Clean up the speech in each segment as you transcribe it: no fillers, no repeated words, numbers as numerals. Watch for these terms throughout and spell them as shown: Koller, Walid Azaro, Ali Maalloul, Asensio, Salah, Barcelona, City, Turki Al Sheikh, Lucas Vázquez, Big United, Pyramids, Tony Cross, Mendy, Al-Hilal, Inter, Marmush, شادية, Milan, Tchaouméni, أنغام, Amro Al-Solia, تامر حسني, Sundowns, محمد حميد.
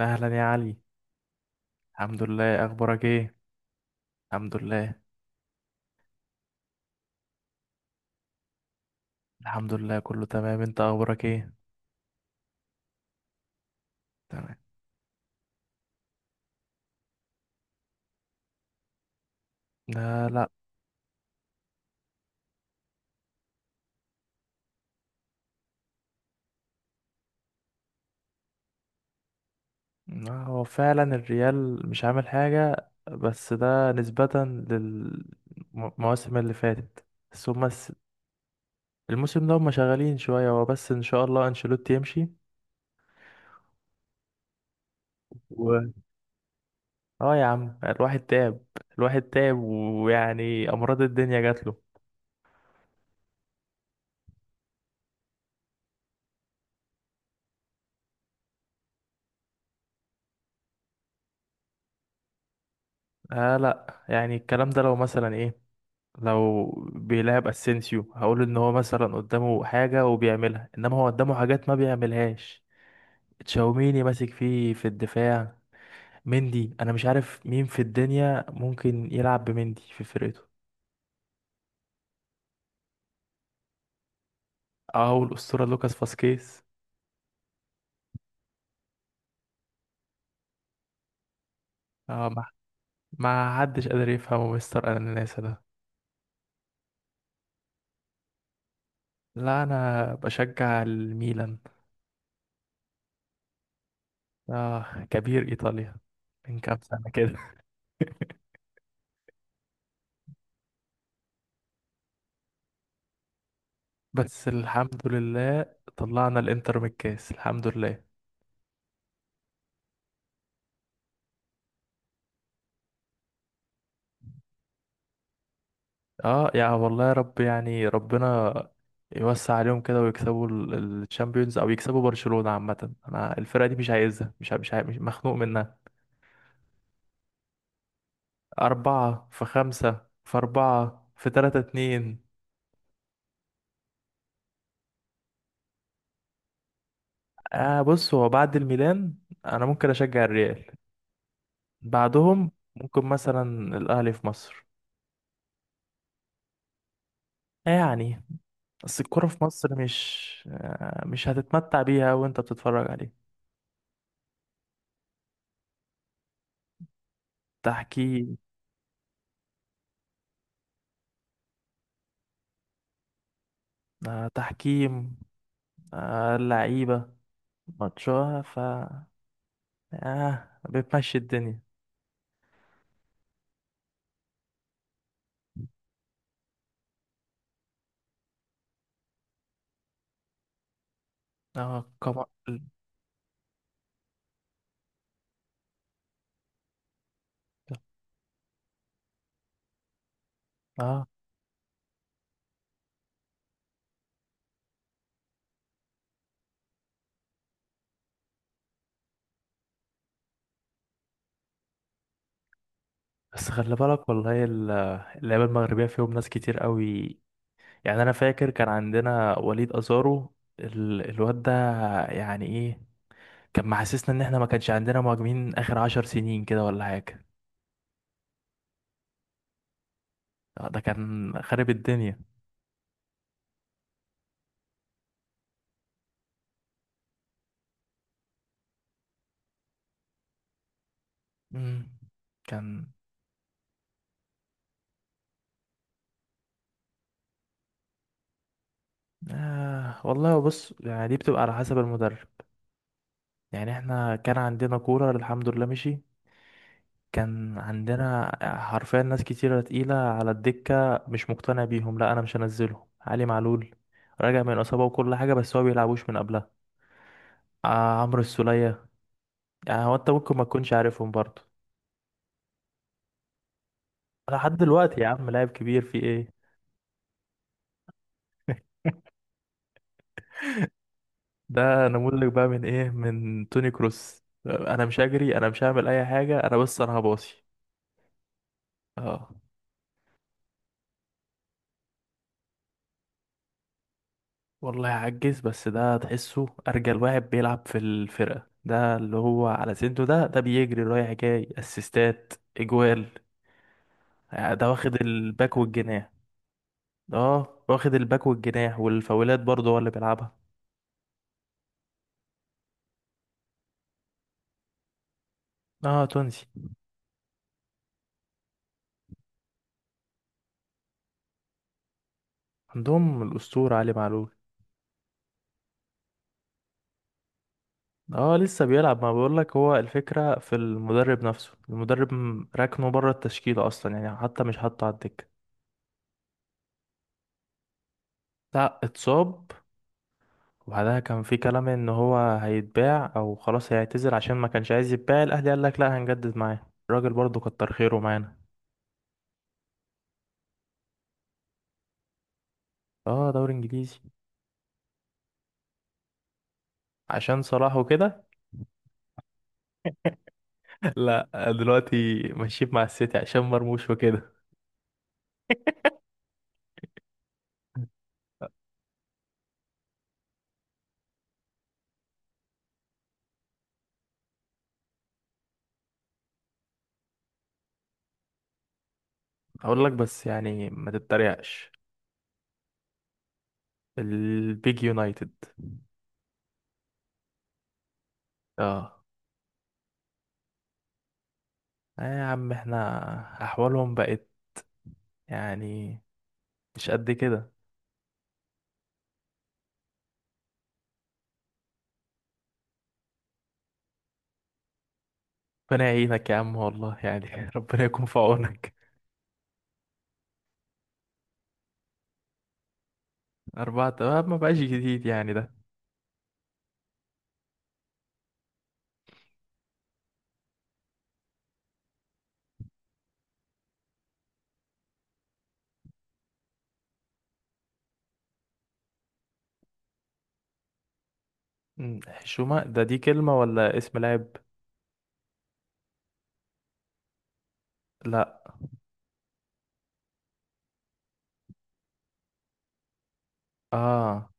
اهلا يا علي. الحمد لله، اخبارك ايه؟ الحمد لله، الحمد لله كله تمام، انت اخبارك ايه؟ تمام. لا. لا، هو فعلا الريال مش عامل حاجة، بس ده نسبة للمواسم اللي فاتت. بس هما الموسم ده هما شغالين شوية، هو بس ان شاء الله انشيلوتي يمشي و... اه يا عم الواحد تعب. ويعني امراض الدنيا جات له. آه لا، يعني الكلام ده لو مثلا ايه لو بيلعب اسينسيو هقول ان هو مثلا قدامه حاجة وبيعملها، انما هو قدامه حاجات ما بيعملهاش. تشاوميني ماسك فيه في الدفاع، مندي، انا مش عارف مين في الدنيا ممكن يلعب بمندي في فرقته، او الاسطورة لوكاس فاسكيز. اه ما ما حدش قادر يفهمه مستر اناناسا ده. لا انا بشجع الميلان. اه، كبير ايطاليا من كام سنة كده. بس الحمد لله، طلعنا الانتر من الكاس، الحمد لله. اه يا والله، يا رب يعني ربنا يوسع عليهم كده ويكسبوا الشامبيونز، او يكسبوا برشلونة. عامة انا الفرقة دي مش عايزها، مش مخنوق منها. أربعة في خمسة في أربعة في تلاتة اتنين. آه بص، هو بعد الميلان انا ممكن اشجع الريال، بعدهم ممكن مثلا الاهلي في مصر. آه يعني، بس الكرة في مصر مش هتتمتع بيها وانت بتتفرج عليه. تحكيم. آه تحكيم، آه لعيبة، ماتشوها ف اه بتمشي الدنيا. اه كم. اه بس خلي بالك والله، اللعيبه المغربيه فيهم ناس كتير قوي. يعني انا فاكر كان عندنا وليد ازارو، الواد ده يعني ايه، كان محسسنا ان احنا ما كانش عندنا مهاجمين اخر عشر سنين كده ولا حاجه. آه، ده كان خارب الدنيا. مم. كان آه والله. بص يعني دي بتبقى على حسب المدرب، يعني احنا كان عندنا كولر الحمد لله مشي، كان عندنا حرفيا ناس كتيرة تقيلة على الدكة مش مقتنع بيهم. لا أنا مش هنزله، علي معلول راجع من إصابة وكل حاجة بس هو بيلعبوش من قبلها. آه، عمرو السولية، يعني هو أنت ممكن ما تكونش عارفهم برضه. لحد دلوقتي يا عم لاعب كبير في إيه. ده نموذج بقى من إيه، من توني كروس؟ أنا مش هجري، أنا مش هعمل أي حاجة، أنا بس أنا هباصي. اه والله عجز، بس ده تحسه ارجل واحد بيلعب في الفرقه، ده اللي هو على سنته ده ده بيجري رايح جاي، اسيستات، اجوال. يعني ده واخد الباك والجناح. اه واخد الباك والجناح والفاولات برضه هو اللي بيلعبها. اه تونسي. عندهم الاسطوره علي معلول. اه لسه بيلعب، ما بقولك هو الفكره في المدرب نفسه، ركنه بره التشكيله اصلا، يعني حتى مش حاطه على الدكه. لا اتصاب، وبعدها كان في كلام ان هو هيتباع او خلاص هيعتزل عشان ما كانش عايز يتباع، الاهلي قال لك لا هنجدد معاه، الراجل برضه كتر خيره معانا. اه دوري انجليزي. عشان صلاح وكده. لا، دلوقتي ماشيين مع السيتي عشان مرموش وكده. اقول لك بس يعني ما تتريقش، البيج يونايتد. اه. آه يا عم احنا، احوالهم بقت يعني مش قد كده. ربنا يعينك يا عم والله، يعني ربنا يكون في عونك. أربعة آه، ما بقاش جديد يعني ده. مم، حشومة ده دي كلمة ولا اسم لاعب؟ لا. اه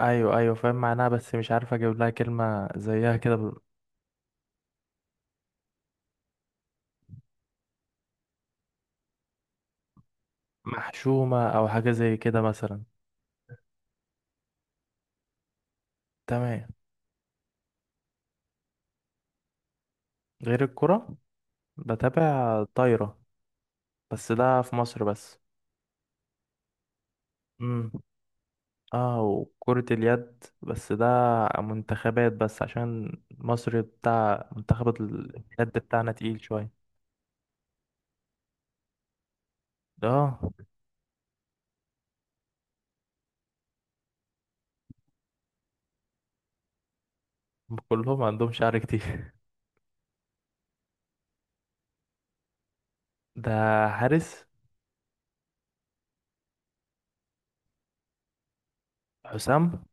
ايوه ايوه فاهم معناها، بس مش عارف اجيب لها كلمة زيها كده محشومة او حاجة زي كده مثلا. تمام. غير الكرة، بتابع طايرة بس ده في مصر بس. امم. اه وكرة اليد، بس ده منتخبات بس عشان مصر، بتاع منتخب اليد بتاعنا تقيل شوية. اه. كلهم عندهم شعر كتير. ده حارس. حسام.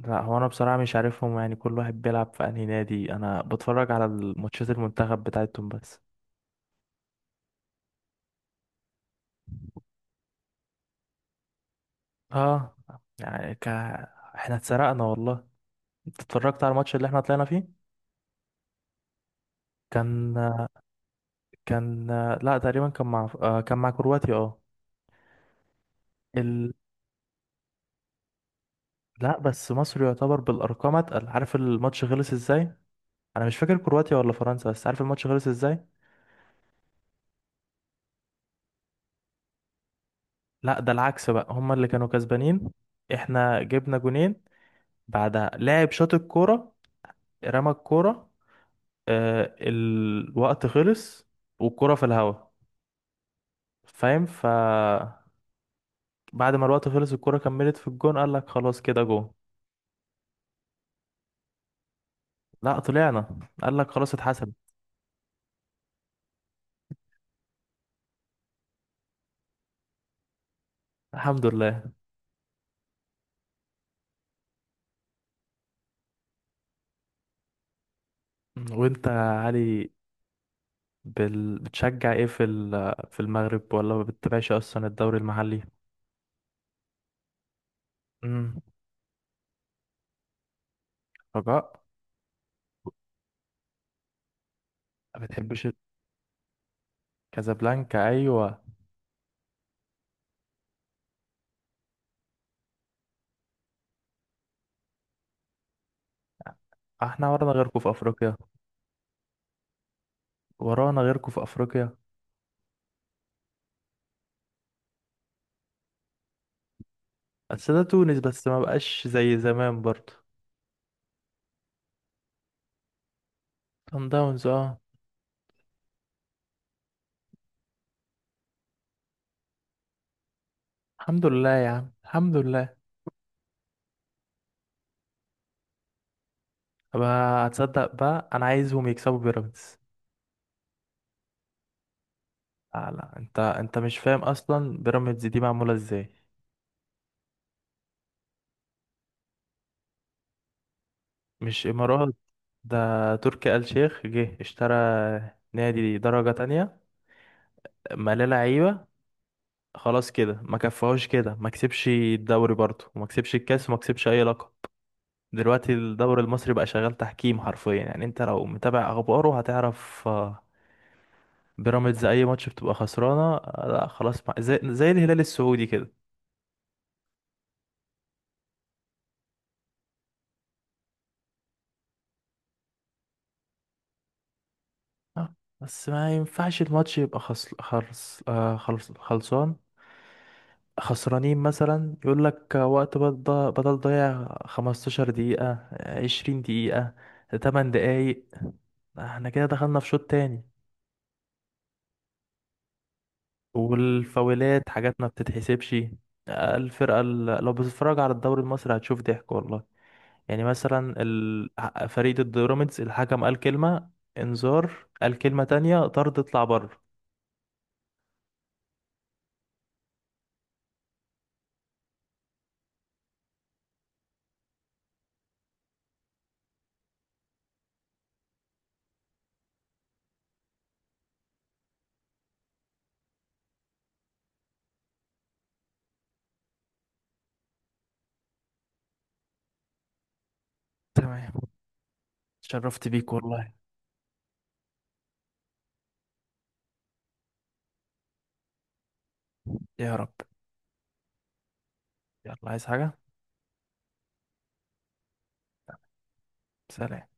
لا، هو انا بصراحه مش عارفهم، يعني كل واحد بيلعب في انهي نادي، انا بتفرج على الماتشات المنتخب بتاعتهم بس. اه، يعني ك... احنا اتسرقنا والله. انت اتفرجت على الماتش اللي احنا طلعنا فيه؟ كان. كان لا تقريبا كان مع آه، كان مع كرواتيا اه. ال... لا بس مصر يعتبر بالارقام اتقل، عارف الماتش خلص ازاي؟ انا مش فاكر كرواتيا ولا فرنسا، بس عارف الماتش خلص ازاي. لا ده العكس بقى، هما اللي كانوا كسبانين، احنا جبنا جونين، بعدها لاعب شاط الكوره، رمى الكوره، آه، الوقت خلص والكرة في الهوا، فاهم؟ بعد ما الوقت خلص الكرة كملت في الجون، قال لك خلاص كده جون. لا طلعنا، قال لك خلاص اتحسب. الحمد لله. وانت يا علي، بتشجع ايه في المغرب، ولا ما بتتابعش اصلا الدوري المحلي؟ امم. رجاء. ما بتحبش كازابلانكا؟ ايوه. احنا ورانا غيركم في افريقيا. ورانا غيركم في افريقيا. بس ده تونس بس، ما بقاش زي زمان برضه. صن داونز اه. الحمد لله يا عم، الحمد لله. طب هتصدق بقى انا عايزهم يكسبوا بيراميدز. لا، انت انت مش فاهم اصلا بيراميدز دي معموله ازاي. مش امارات، ده تركي آل شيخ جه اشترى نادي درجه تانية، ملاه لعيبه، خلاص كده. ما كفاهوش كده، ما كسبش الدوري برضه وما كسبش الكاس وما كسبش اي لقب. دلوقتي الدوري المصري بقى شغال تحكيم حرفيا، يعني انت لو متابع اخباره هتعرف. آه، بيراميدز اي ماتش بتبقى خسرانه آه، لا خلاص، زي الهلال السعودي كده. آه، بس ما ينفعش الماتش يبقى خص... خرص... آه، خلص... خلصان، خسرانين، مثلا يقول لك وقت بدل، ضيع 15 دقيقة آه، 20 دقيقة، 8 دقايق، احنا كده دخلنا في شوط تاني. والفاولات حاجات ما بتتحسبش. آه، لو بتتفرج على الدوري المصري هتشوف ضحك والله. يعني مثلا فريق ضد بيراميدز، الحكم قال كلمة انذار، قال كلمة تانية طرد اطلع بره. تمام، اتشرفت بيك والله. يا رب. يلا، عايز حاجة؟ سلام.